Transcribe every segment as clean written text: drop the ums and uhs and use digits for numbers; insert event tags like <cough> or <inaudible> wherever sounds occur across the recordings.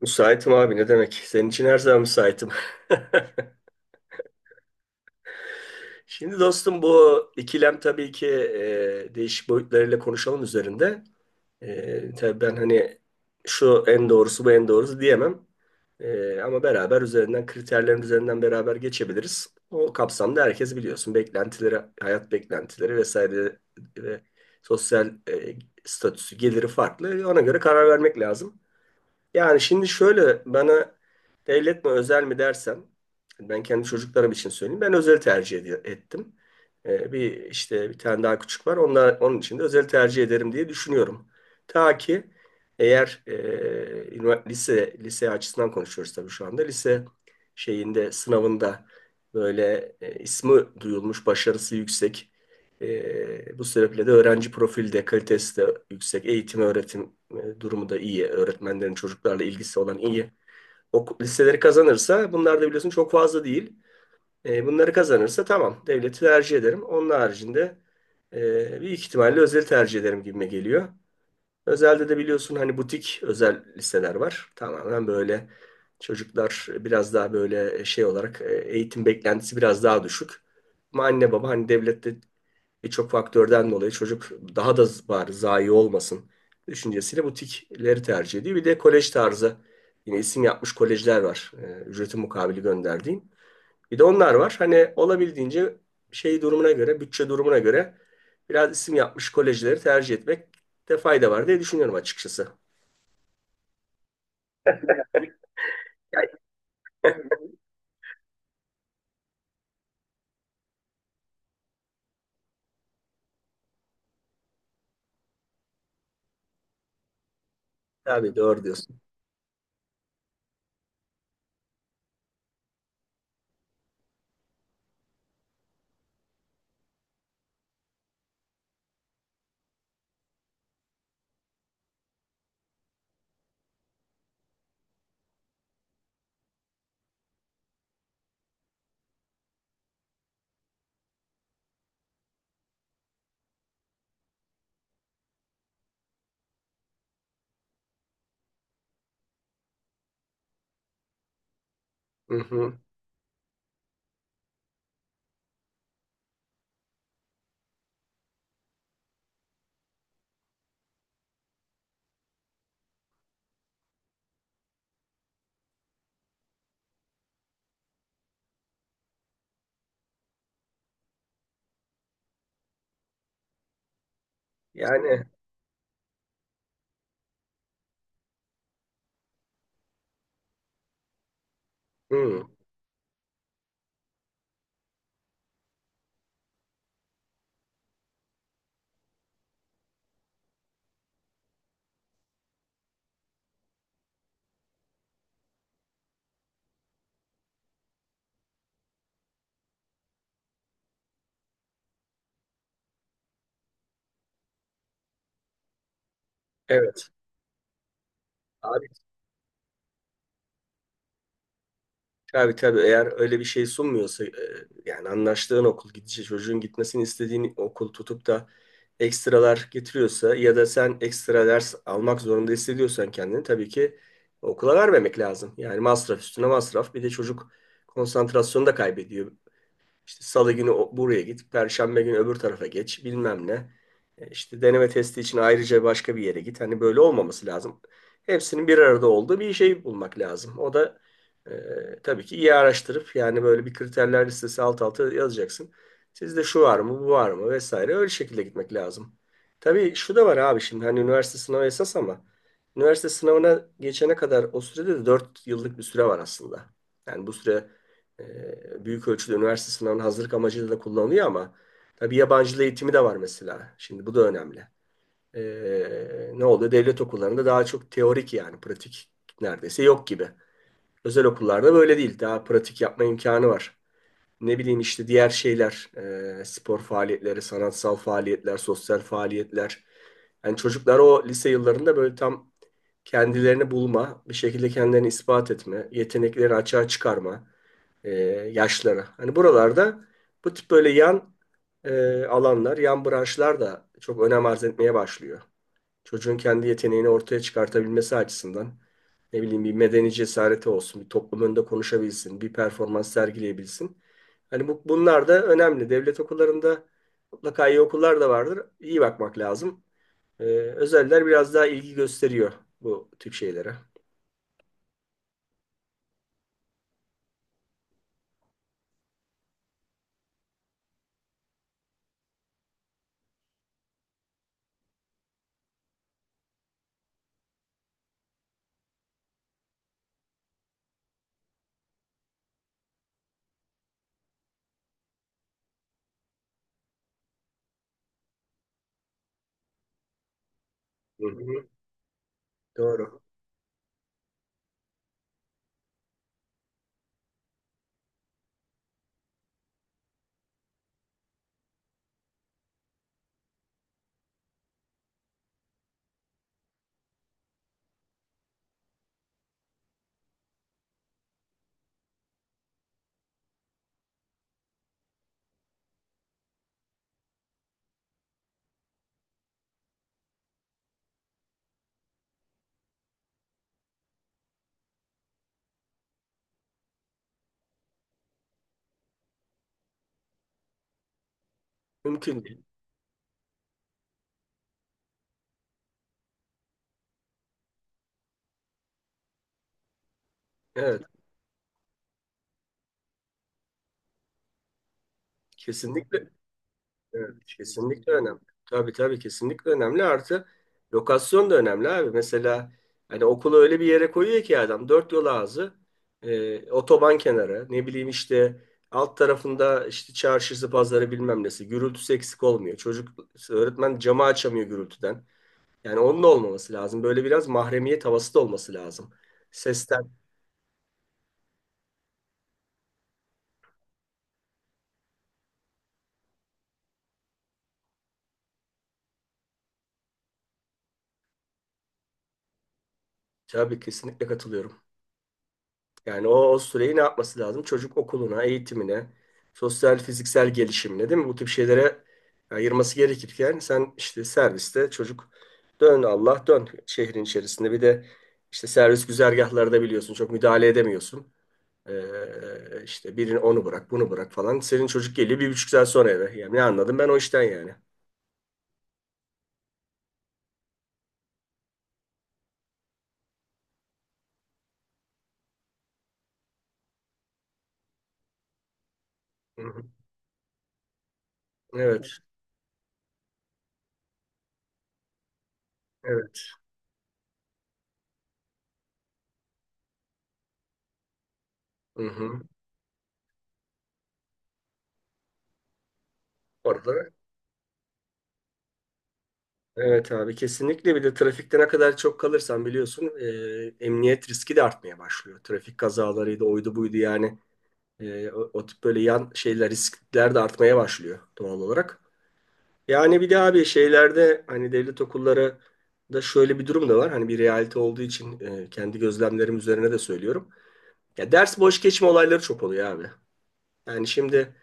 Müsaitim abi, ne demek? Senin için her zaman müsaitim. <laughs> Şimdi dostum bu ikilem tabii ki değişik boyutlarıyla konuşalım üzerinde. Tabii ben hani şu en doğrusu bu en doğrusu diyemem. Ama beraber üzerinden kriterlerin üzerinden beraber geçebiliriz. O kapsamda herkes biliyorsun beklentileri, hayat beklentileri vesaire ve sosyal statüsü, geliri farklı. Ona göre karar vermek lazım. Yani şimdi şöyle bana devlet mi özel mi dersen ben kendi çocuklarım için söyleyeyim. Ben özel tercih ettim. Bir işte bir tane daha küçük var. Onun için de özel tercih ederim diye düşünüyorum. Ta ki eğer lise lise açısından konuşuyoruz tabii şu anda. Lise şeyinde sınavında böyle ismi duyulmuş, başarısı yüksek bu sebeple de öğrenci profili de kalitesi de yüksek. Eğitim, öğretim durumu da iyi. Öğretmenlerin çocuklarla ilgisi olan iyi. O listeleri kazanırsa bunlar da biliyorsun çok fazla değil. Bunları kazanırsa tamam, devleti tercih ederim. Onun haricinde büyük ihtimalle özel tercih ederim gibime geliyor. Özelde de biliyorsun hani butik özel liseler var. Tamamen böyle çocuklar biraz daha böyle şey olarak eğitim beklentisi biraz daha düşük. Ama anne baba hani devlette birçok faktörden dolayı çocuk daha da bari zayi olmasın düşüncesiyle butikleri tercih ediyor. Bir de kolej tarzı yine isim yapmış kolejler var. Ücreti mukabili gönderdiğim. Bir de onlar var. Hani olabildiğince şey durumuna göre, bütçe durumuna göre biraz isim yapmış kolejleri tercih etmekte fayda var diye düşünüyorum açıkçası. Ya, tabii doğru diyorsun. Hı hı. Yani hı, evet. Abi, tabii tabii eğer öyle bir şey sunmuyorsa yani anlaştığın okul gidişi çocuğun gitmesini istediğin okul tutup da ekstralar getiriyorsa ya da sen ekstra ders almak zorunda hissediyorsan kendini, tabii ki okula vermemek lazım. Yani masraf üstüne masraf, bir de çocuk konsantrasyonu da kaybediyor. İşte salı günü buraya git, perşembe günü öbür tarafa geç, bilmem ne. İşte deneme testi için ayrıca başka bir yere git. Hani böyle olmaması lazım. Hepsinin bir arada olduğu bir şey bulmak lazım. O da tabii ki iyi araştırıp, yani böyle bir kriterler listesi alt alta yazacaksın. Sizde şu var mı, bu var mı vesaire, öyle şekilde gitmek lazım. Tabii şu da var abi, şimdi hani üniversite sınavı esas ama üniversite sınavına geçene kadar o sürede de 4 yıllık bir süre var aslında. Yani bu süre büyük ölçüde üniversite sınavına hazırlık amacıyla da kullanılıyor ama tabii yabancı dil eğitimi de var mesela. Şimdi bu da önemli. Ne oluyor? Devlet okullarında daha çok teorik, yani pratik neredeyse yok gibi. Özel okullarda böyle değil. Daha pratik yapma imkanı var. Ne bileyim işte diğer şeyler, spor faaliyetleri, sanatsal faaliyetler, sosyal faaliyetler. Yani çocuklar o lise yıllarında böyle tam kendilerini bulma, bir şekilde kendilerini ispat etme, yetenekleri açığa çıkarma, e, yaşlara. Hani buralarda bu tip böyle yan alanlar, yan branşlar da çok önem arz etmeye başlıyor. Çocuğun kendi yeteneğini ortaya çıkartabilmesi açısından, ne bileyim, bir medeni cesareti olsun, bir toplum önünde konuşabilsin, bir performans sergileyebilsin. Hani bu, bunlar da önemli. Devlet okullarında mutlaka iyi okullar da vardır. İyi bakmak lazım. Ee, özeller biraz daha ilgi gösteriyor bu tip şeylere. Hı hı. Doğru. Mümkün değil. Evet, kesinlikle. Evet, kesinlikle önemli. Tabii tabii, kesinlikle önemli. Artı lokasyon da önemli abi. Mesela hani okulu öyle bir yere koyuyor ki adam, dört yol ağzı, otoban kenarı, ne bileyim, işte alt tarafında işte çarşısı pazarı bilmem nesi gürültüsü eksik olmuyor. Çocuk, öğretmen camı açamıyor gürültüden. Yani onun da olmaması lazım. Böyle biraz mahremiyet havası da olması lazım. Sesten, tabii kesinlikle katılıyorum. Yani o süreyi ne yapması lazım? Çocuk okuluna, eğitimine, sosyal, fiziksel gelişimine, değil mi? Bu tip şeylere ayırması gerekirken sen işte serviste çocuk dön Allah dön şehrin içerisinde. Bir de işte servis güzergahları biliyorsun, çok müdahale edemiyorsun. İşte birini onu bırak bunu bırak falan. Senin çocuk geliyor 1,5 saat sonra eve. Yani ne anladım ben o işten yani. Hı hı. Evet, evet. Hı hı. Orada. Evet abi, kesinlikle. Bir de trafikte ne kadar çok kalırsan biliyorsun emniyet riski de artmaya başlıyor. Trafik kazalarıydı oydu buydu yani. O tip böyle yan şeyler, riskler de artmaya başlıyor doğal olarak. Yani bir de abi, şeylerde hani devlet okulları da şöyle bir durum da var. Hani bir realite olduğu için kendi gözlemlerim üzerine de söylüyorum. Ya, ders boş geçme olayları çok oluyor abi. Yani şimdi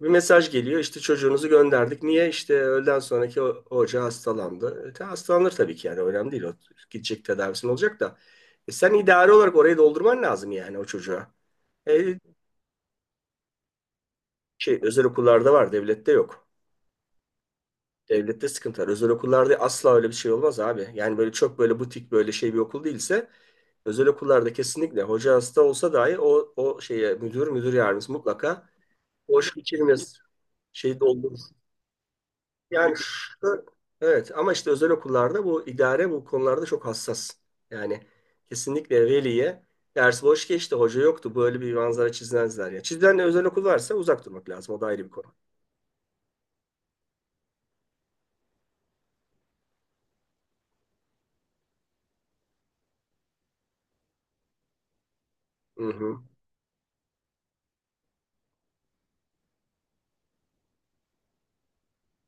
bir mesaj geliyor, işte çocuğunuzu gönderdik. Niye? İşte öğleden sonraki hoca hastalandı. Hastalanır tabii ki, yani önemli değil. O gidecek, tedavisi olacak da. Sen idari olarak orayı doldurman lazım yani o çocuğa. E, şey özel okullarda var, devlette yok. Devlette sıkıntı var. Özel okullarda asla öyle bir şey olmaz abi. Yani böyle çok böyle butik böyle şey bir okul değilse, özel okullarda kesinlikle hoca hasta olsa dahi o şeye müdür müdür yardımcısı mutlaka boş geçirmez. Şeyi. Yani evet, ama işte özel okullarda bu idare bu konularda çok hassas. Yani kesinlikle veliye ders boş geçti, hoca yoktu, böyle bir manzara çizmezler ya. Çizilen özel okul varsa uzak durmak lazım. O da ayrı bir konu. Hı hı.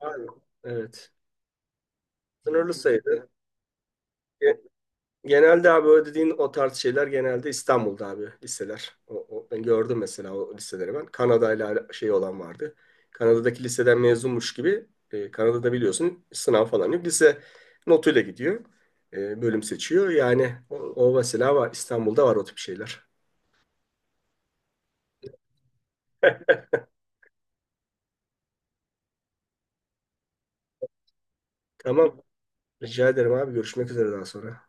Aynen. Evet. Sınırlı sayıda. Genelde abi o dediğin o tarz şeyler genelde İstanbul'da abi liseler. Ben gördüm mesela o liseleri ben. Kanada'yla şey olan vardı. Kanada'daki liseden mezunmuş gibi Kanada'da biliyorsun sınav falan yok. Lise notuyla gidiyor. Bölüm seçiyor. Yani o mesela var, İstanbul'da var o tip şeyler. Tamam. Rica ederim abi. Görüşmek üzere daha sonra.